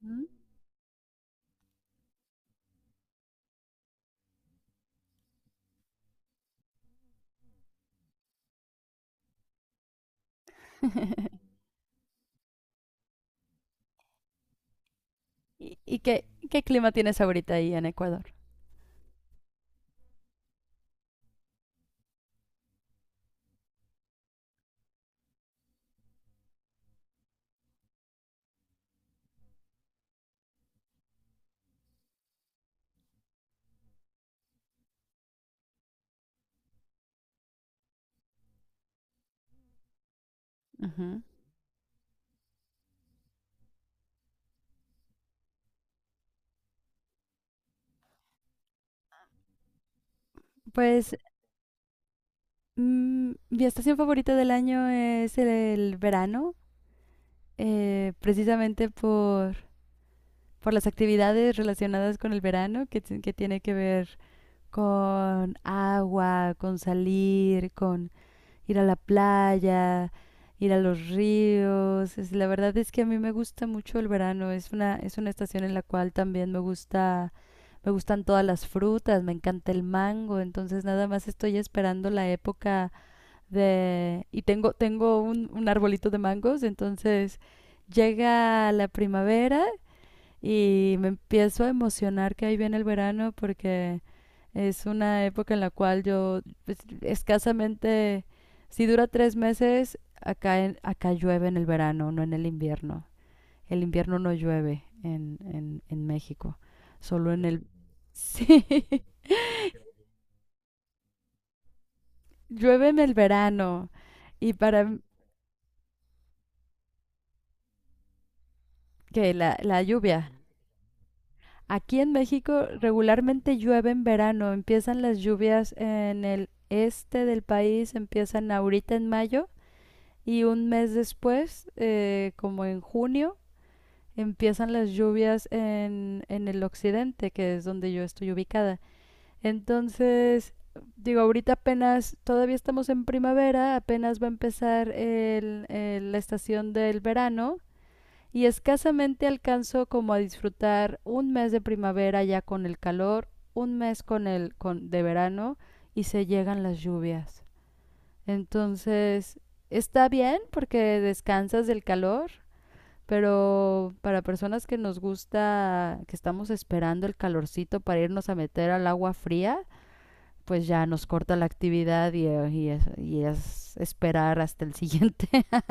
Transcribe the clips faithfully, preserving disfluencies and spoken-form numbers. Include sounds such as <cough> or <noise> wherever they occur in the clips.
¿Mm? <laughs> ¿Y, y qué, qué clima tienes ahorita ahí en Ecuador? Ujú. Pues mm, mi estación favorita del año es el, el verano, eh, precisamente por, por las actividades relacionadas con el verano, que, ti- que tiene que ver con agua, con salir, con ir a la playa, ir a los ríos. Es- la verdad es que a mí me gusta mucho el verano. Es una, es una estación en la cual también me gusta, me gustan todas las frutas, me encanta el mango. Entonces nada más estoy esperando la época de. Y tengo, tengo un, un arbolito de mangos, entonces llega la primavera y me empiezo a emocionar que ahí viene el verano porque es una época en la cual yo, pues, escasamente, si dura tres meses, acá, en- acá llueve en el verano, no en el invierno. El invierno no llueve en, en, en México, solo en el. <laughs> Sí, llueve en el verano. Y para m- que la, la lluvia. Aquí en México regularmente llueve en verano, empiezan las lluvias en el este del país, empiezan ahorita en mayo y un mes después, eh, como en junio, empiezan las lluvias en, en el occidente, que es donde yo estoy ubicada. Entonces, digo, ahorita apenas, todavía estamos en primavera, apenas va a empezar el- el- la estación del verano y escasamente alcanzo como a disfrutar un mes de primavera ya con el calor, un mes con el con, de verano y se llegan las lluvias. Entonces, está bien porque descansas del calor, pero para personas que nos gusta, que estamos esperando el calorcito para irnos a meter al agua fría, pues ya nos corta la actividad y, eh, y, es, y es esperar hasta el siguiente. <laughs>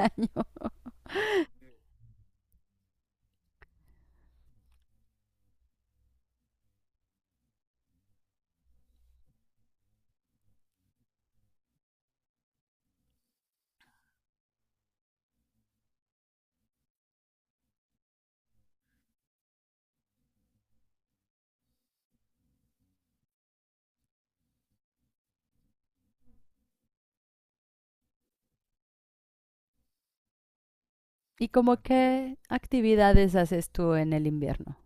¿Y como qué actividades haces tú en el invierno?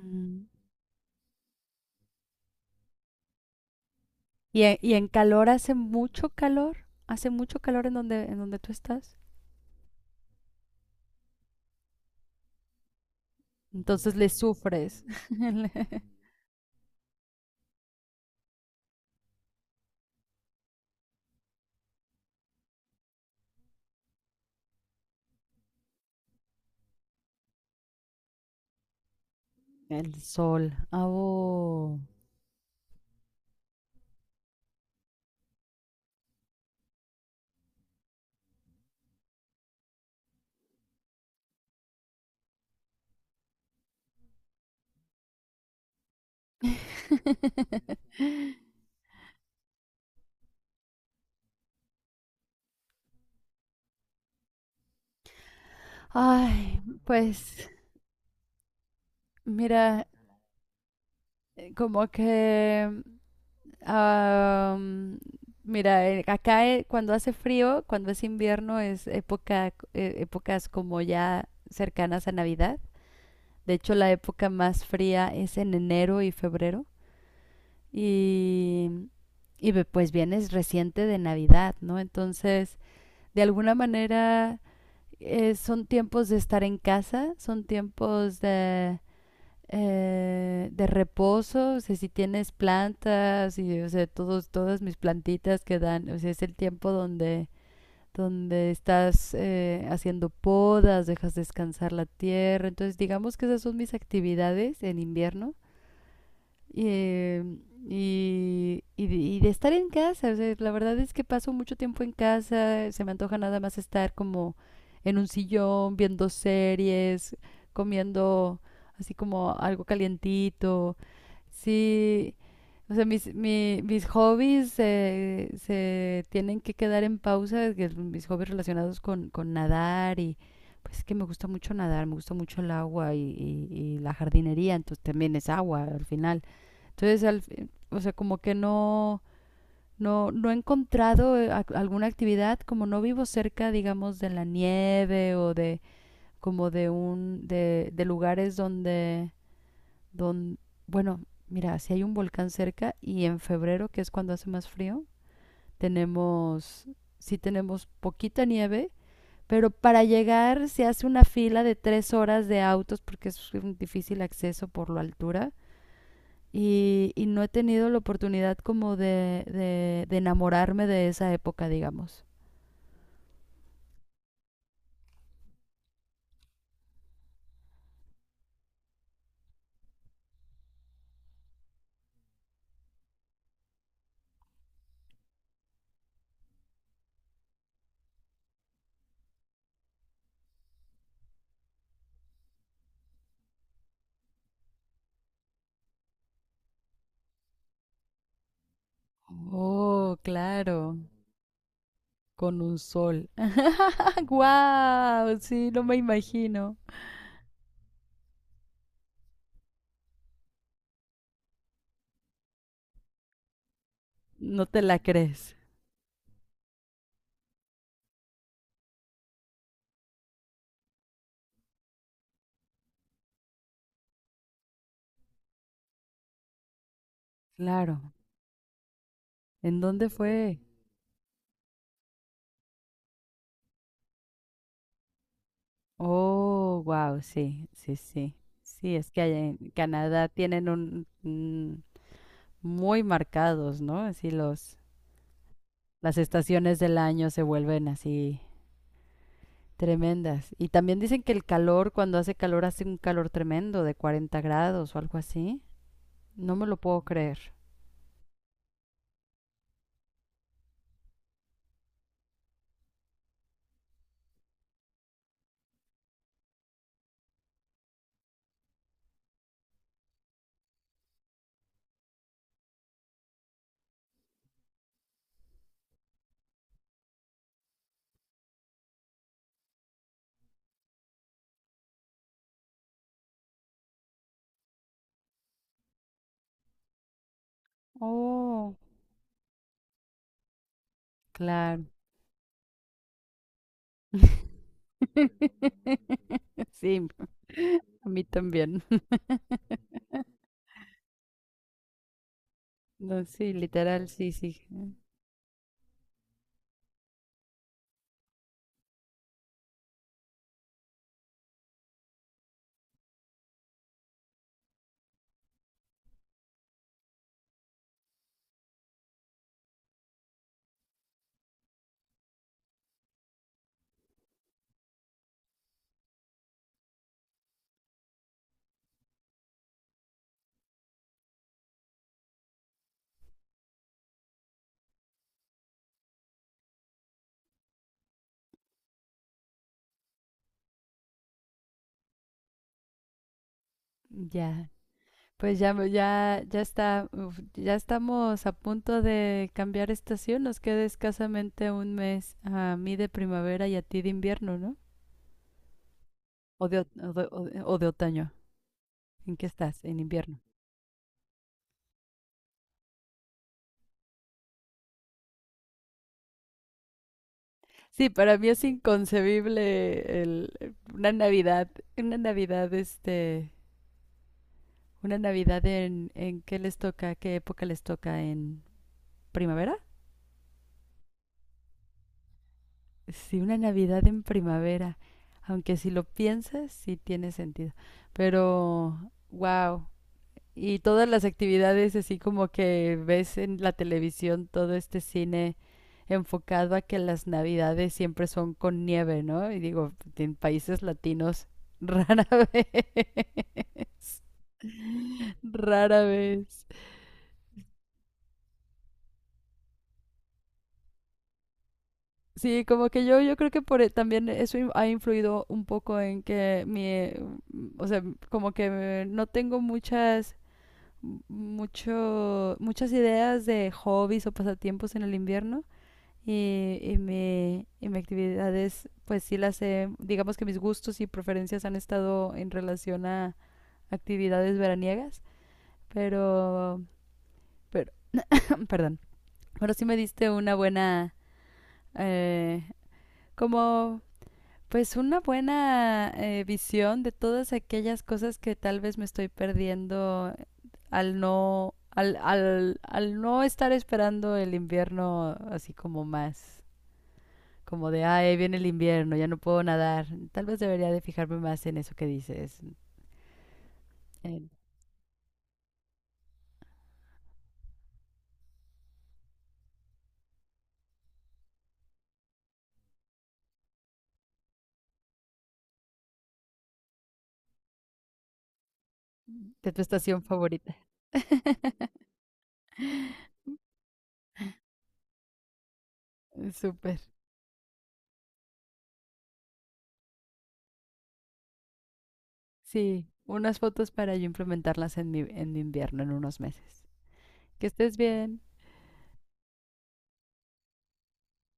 Mm. ¿Y, en, ¿Y, en calor hace mucho calor? ¿Hace mucho calor en donde, en donde tú estás? Entonces le sufres <laughs> el el sol. Ah, oh. <laughs> Ay, pues mira, eh, como que, am, mira, eh, acá eh, cuando hace frío, cuando es invierno, es época, eh, épocas como ya cercanas a Navidad. De hecho, la época más fría es en enero y febrero. Y, y ve- pues vienes reciente de Navidad, ¿no? Entonces, de alguna manera, eh, son tiempos de estar en casa, son tiempos de eh, de reposo, o sea, si tienes plantas y, o sea, todos, todas mis plantitas que dan, o sea, es el tiempo donde, donde, estás eh, haciendo podas, dejas descansar la tierra. Entonces, digamos que esas son mis actividades en invierno. Eh, y, y de, y de estar en casa. O sea, la verdad es que paso mucho tiempo en casa. Se me antoja nada más estar como en un sillón, viendo series, comiendo así como algo calientito. Sí, o sea, mis, mi- mis hobbies eh, se tienen que quedar en pausa, que mis hobbies relacionados con, con nadar y pues es que me gusta mucho nadar, me gusta mucho el agua y, y- y la jardinería, entonces también es agua al final. Entonces, al, o sea, como que no, no, no he encontrado eh, ac- alguna actividad, como no vivo cerca, digamos, de la nieve o de, como de un, de, de lugares donde, don bueno, mira, si hay un volcán cerca y en febrero, que es cuando hace más frío, tenemos, sí tenemos poquita nieve, pero para llegar se hace una fila de tres horas de autos porque es un difícil acceso por la altura. y, y no he tenido la oportunidad como de, de, de enamorarme de esa época, digamos. Oh, claro, con un sol. <laughs> ¡Ah, guau! Sí, no me imagino. No te la crees. Claro. ¿En dónde fue? Oh, wow, sí, sí, sí. Sí, es que allá en Canadá tienen un, un- muy marcados, ¿no? Así los las estaciones del año se vuelven así tremendas. Y también dicen que el calor, cuando hace calor, hace un calor tremendo de cuarenta grados o algo así. No me lo puedo creer. Oh, claro. <laughs> Sí, a mí también. No, sí, literal, sí, sí. Ya. Pues ya, me- ya, ya está, uf, ya estamos a punto de cambiar estación. Nos queda escasamente un mes a mí de primavera y a ti de invierno, ¿no? O de, o- o de, o de- o de otoño. ¿En qué estás? En invierno. Sí, para mí es inconcebible el, eh, una Navidad, una Navidad, este, una Navidad en, en qué les toca, qué época les toca, en primavera. Sí, una Navidad en primavera, aunque si lo piensas, sí tiene sentido. Pero, wow. Y todas las actividades así como que ves en la televisión todo este cine enfocado a que las navidades siempre son con nieve, ¿no? Y digo, en países latinos rara <laughs> vez. Rara vez. Sí, como que yo, yo creo que por, e- también eso in- ha influido un poco en que mi, eh, o sea, como que no tengo muchas, mucho, muchas ideas de hobbies o pasatiempos en el invierno y, y mi, y mi actividades, pues sí las he, digamos que mis gustos y preferencias han estado en relación a actividades veraniegas, pero, pero <laughs> <coughs> perdón, pero sí me diste una buena, eh, como, pues una buena eh, visión de todas aquellas cosas que tal vez me estoy perdiendo al no, al, al, al no estar esperando el invierno así como más como de, ay, ahí viene el invierno, ya no puedo nadar. Tal vez debería de fijarme más en eso que dices, en- de tu estación favorita. <laughs> Súper. Sí, unas fotos para yo implementarlas en mi, en mi invierno en unos meses. Que estés bien.